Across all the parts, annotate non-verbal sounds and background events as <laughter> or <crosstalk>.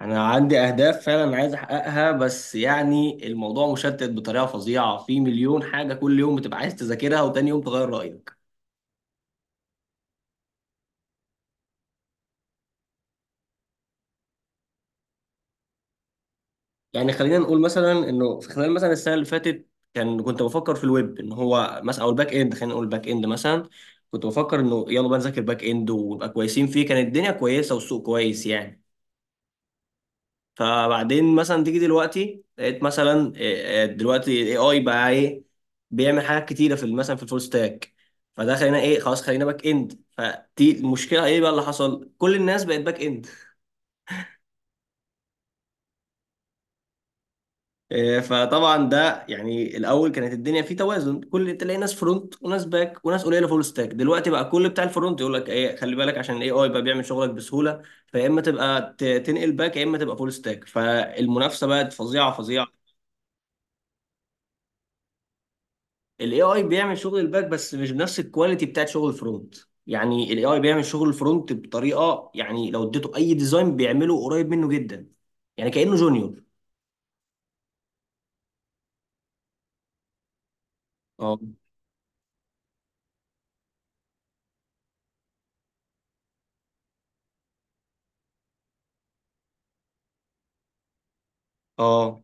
انا عندي اهداف فعلا عايز احققها، بس يعني الموضوع مشتت بطريقه فظيعه. في مليون حاجه كل يوم بتبقى عايز تذاكرها وتاني يوم تغير رايك. يعني خلينا نقول مثلا انه في خلال مثلا السنه اللي فاتت كنت بفكر في الويب ان هو مثلا او الباك اند، خلينا نقول الباك اند مثلا. كنت بفكر انه يلا بقى نذاكر باك اند ونبقى كويسين فيه. كانت الدنيا كويسه والسوق كويس يعني. فبعدين مثلا تيجي دلوقتي لقيت مثلا إيه، إيه، دلوقتي الاي اي بقى ايه بيعمل حاجات كتيره في مثلا في الفول ستاك. فده خلينا ايه، خلاص خلينا باك اند. فدي المشكله ايه بقى اللي حصل؟ كل الناس بقت باك اند. فطبعا ده يعني الاول كانت الدنيا فيه توازن، كل تلاقي ناس فرونت وناس باك وناس قليله فول ستاك. دلوقتي بقى كل بتاع الفرونت يقول لك ايه، خلي بالك عشان الاي اي بقى بيعمل شغلك بسهوله. فيا اما تبقى تنقل باك يا اما تبقى فول ستاك. فالمنافسه بقت فظيعه فظيعه. الاي اي بيعمل شغل الباك بس مش بنفس الكواليتي بتاعت شغل الفرونت. يعني الاي اي بيعمل شغل الفرونت بطريقه، يعني لو اديته اي ديزاين بيعمله قريب منه جدا، يعني كانه جونيور. اه. اه.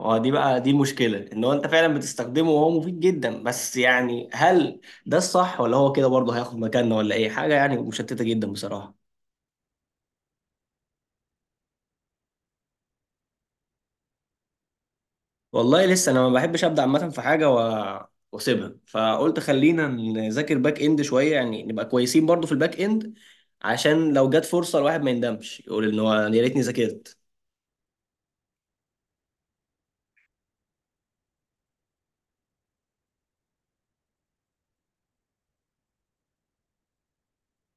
اه، دي بقى دي المشكله، ان هو انت فعلا بتستخدمه وهو مفيد جدا، بس يعني هل ده الصح ولا هو كده برضه هياخد مكاننا ولا ايه؟ حاجه يعني مشتته جدا بصراحه. والله لسه انا ما بحبش ابدا عامه في حاجه واسيبها، فقلت خلينا نذاكر باك اند شويه، يعني نبقى كويسين برضو في الباك اند، عشان لو جت فرصه الواحد ما يندمش يقول ان هو يا ريتني ذاكرت.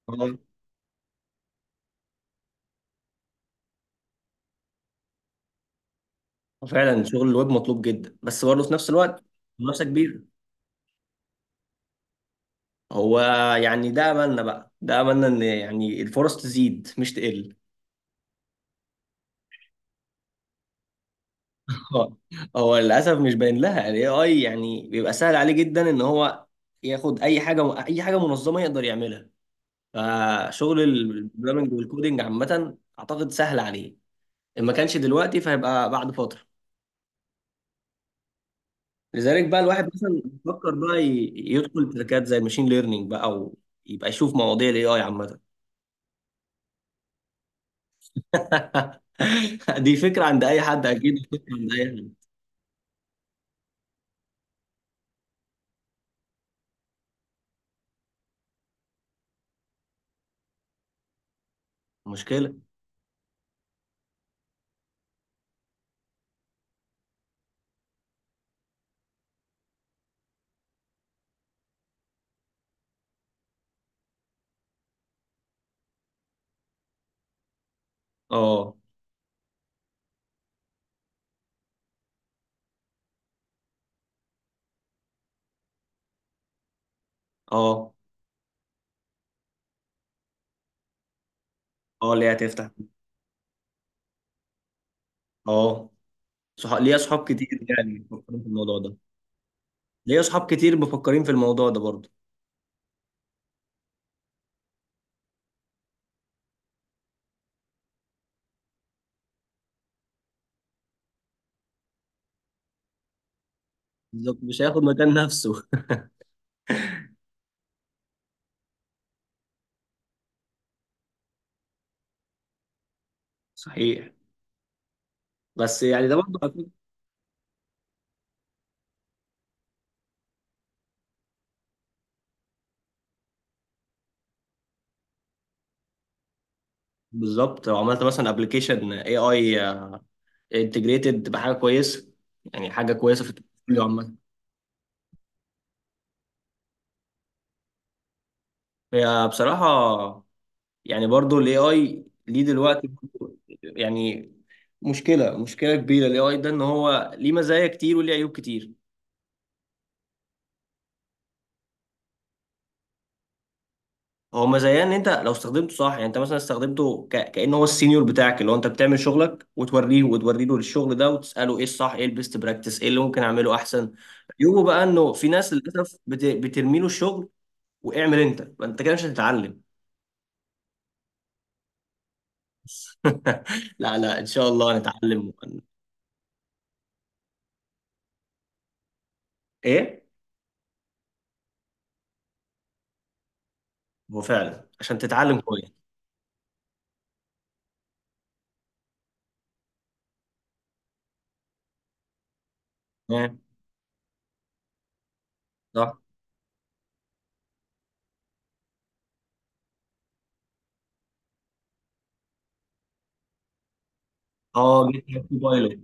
تمام. فعلا شغل الويب مطلوب جدا، بس برضه في نفس الوقت منافسه كبيره. هو يعني ده املنا بقى، ده املنا ان يعني الفرص تزيد مش تقل. هو. للاسف مش باين لها، الاي اي يعني بيبقى سهل عليه جدا ان هو ياخد اي حاجه، اي حاجه منظمه يقدر يعملها. فشغل البروجرامنج والكودينج عامة أعتقد سهل عليه، إن ما كانش دلوقتي فهيبقى بعد فترة. لذلك بقى الواحد مثلا بيفكر بقى يدخل تركات زي الماشين ليرنينج بقى، أو يبقى يشوف مواضيع الاي اي عامة. <laughs> دي فكرة عند أي حد، أكيد فكرة عند أي حد. مشكلة. اه. اه. اه، اللي هي هتفتح. اه صح. ليا أصحاب كتير يعني بيفكروا في الموضوع ده. ليا أصحاب كتير مفكرين في الموضوع ده برضه. بالظبط، مش هياخد مكان نفسه. <laughs> صحيح. بس يعني ده برضه. بالظبط، لو عملت مثلا ابلكيشن اي اي انتجريتد بحاجه كويسه، يعني حاجه كويسه في التكنولوجيا عامه. هي بصراحه يعني برضو الاي اي ليه دلوقتي برضو يعني مشكله، مشكله كبيره الاي اي ده، ان هو ليه مزايا كتير وليه عيوب كتير. هو مزايا ان انت لو استخدمته صح، يعني انت مثلا استخدمته كأنه هو السينيور بتاعك، اللي هو انت بتعمل شغلك وتوريه، وتوري له الشغل ده وتساله ايه الصح، ايه البيست براكتس، ايه اللي ممكن اعمله احسن. عيوبه بقى انه في ناس للاسف بترمي له الشغل واعمل انت. ما انت كده مش هتتعلم. <laughs> لا لا، ان شاء الله هنتعلم ايه. هو فعلا عشان تتعلم كويس. تمام. صح. اه، جيت هاب كوبايلوت.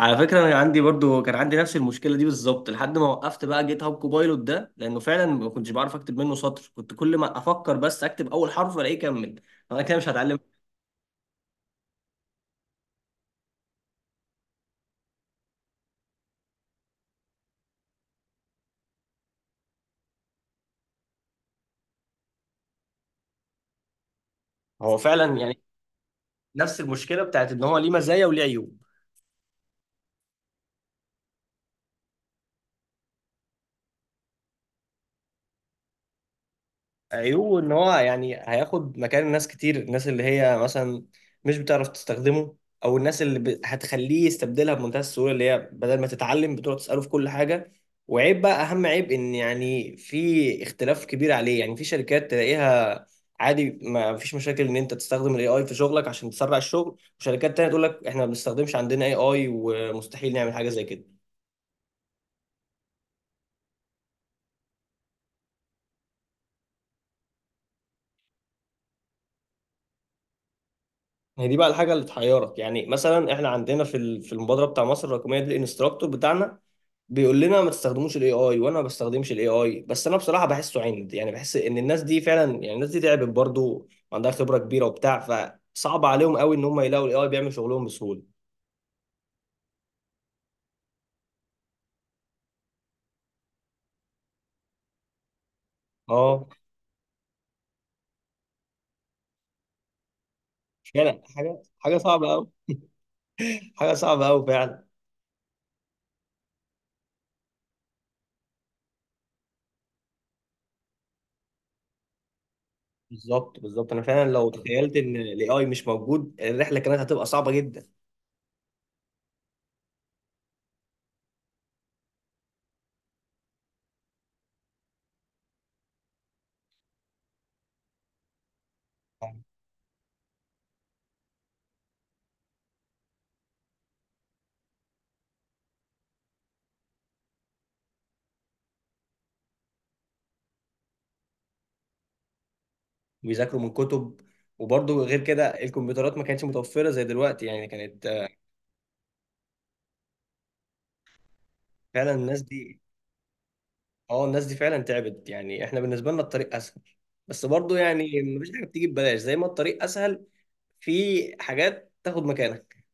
على فكره انا عندي برضو كان عندي نفس المشكله دي بالظبط لحد ما وقفت بقى جيت هاب كوبايلوت ده، لانه فعلا ما كنتش بعرف اكتب منه سطر، كنت كل ما افكر بس اكتب اول حرف الاقيه كمل. انا كده مش هتعلم. هو فعلا يعني نفس المشكله بتاعت ان هو ليه مزايا وليه عيوب. عيوبه ان هو يعني هياخد مكان ناس كتير، الناس اللي هي مثلا مش بتعرف تستخدمه، او الناس اللي هتخليه يستبدلها بمنتهى السهوله، اللي هي بدل ما تتعلم بتقعد تساله في كل حاجه. وعيب بقى، اهم عيب، ان يعني في اختلاف كبير عليه، يعني في شركات تلاقيها عادي ما فيش مشاكل ان انت تستخدم الاي اي في شغلك عشان تسرع الشغل، وشركات تانية تقول لك احنا ما بنستخدمش عندنا اي اي ومستحيل نعمل حاجه زي كده. هي دي بقى الحاجه اللي تحيرك، يعني مثلا احنا عندنا في في المبادره بتاع مصر الرقميه دي، الانستراكتور بتاعنا بيقول لنا ما تستخدموش الاي اي، وانا ما بستخدمش الاي اي. بس انا بصراحه بحسه عند، يعني بحس ان الناس دي فعلا، يعني الناس دي تعبت برضه وعندها خبره كبيره وبتاع، فصعب عليهم قوي ان هم يلاقوا الاي اي بيعمل شغلهم بسهوله. اه فعلا، حاجه حاجه صعبه قوي. حاجه صعبه قوي فعلا. بالظبط بالظبط، انا فعلا لو تخيلت ان الاي اي مش موجود الرحله كانت هتبقى صعبه جدا. وبيذاكروا من كتب، وبرضه غير كده الكمبيوترات ما كانتش متوفرة زي دلوقتي، يعني كانت فعلا الناس دي. اه الناس دي فعلا تعبت، يعني احنا بالنسبة لنا الطريق اسهل، بس برضه يعني مفيش حاجة بتيجي ببلاش، زي ما الطريق اسهل في حاجات تاخد مكانك.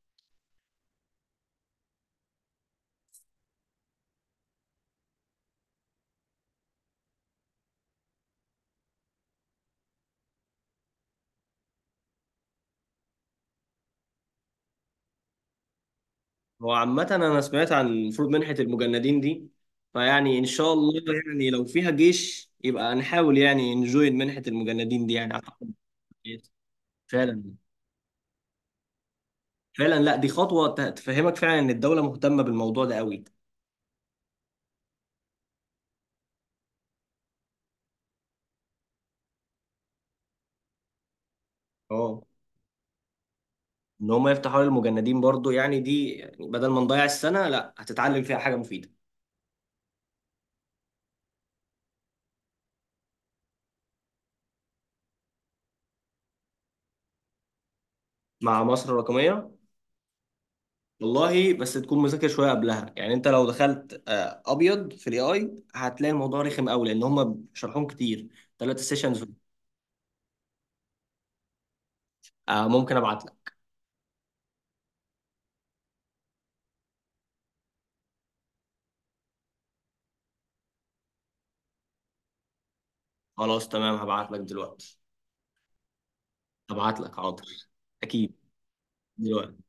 هو عامة انا سمعت عن المفروض منحة المجندين دي، فيعني ان شاء الله يعني لو فيها جيش يبقى نحاول يعني نجوين منحة المجندين دي يعني اعتقد. فعلا. فعلا، لا دي خطوة تفهمك فعلا ان الدولة مهتمة بالموضوع ده قوي. اه، ان هم يفتحوا حوار المجندين برضو، يعني دي يعني بدل ما نضيع السنه لا هتتعلم فيها حاجه مفيده. مع مصر الرقميه. والله بس تكون مذاكر شويه قبلها، يعني انت لو دخلت ابيض في الاي اي هتلاقي الموضوع رخم قوي لان هم شرحهم كتير، 3 سيشنز. آه ممكن ابعت لك. خلاص تمام هبعت لك دلوقتي. هبعت لك حاضر، اكيد، دلوقتي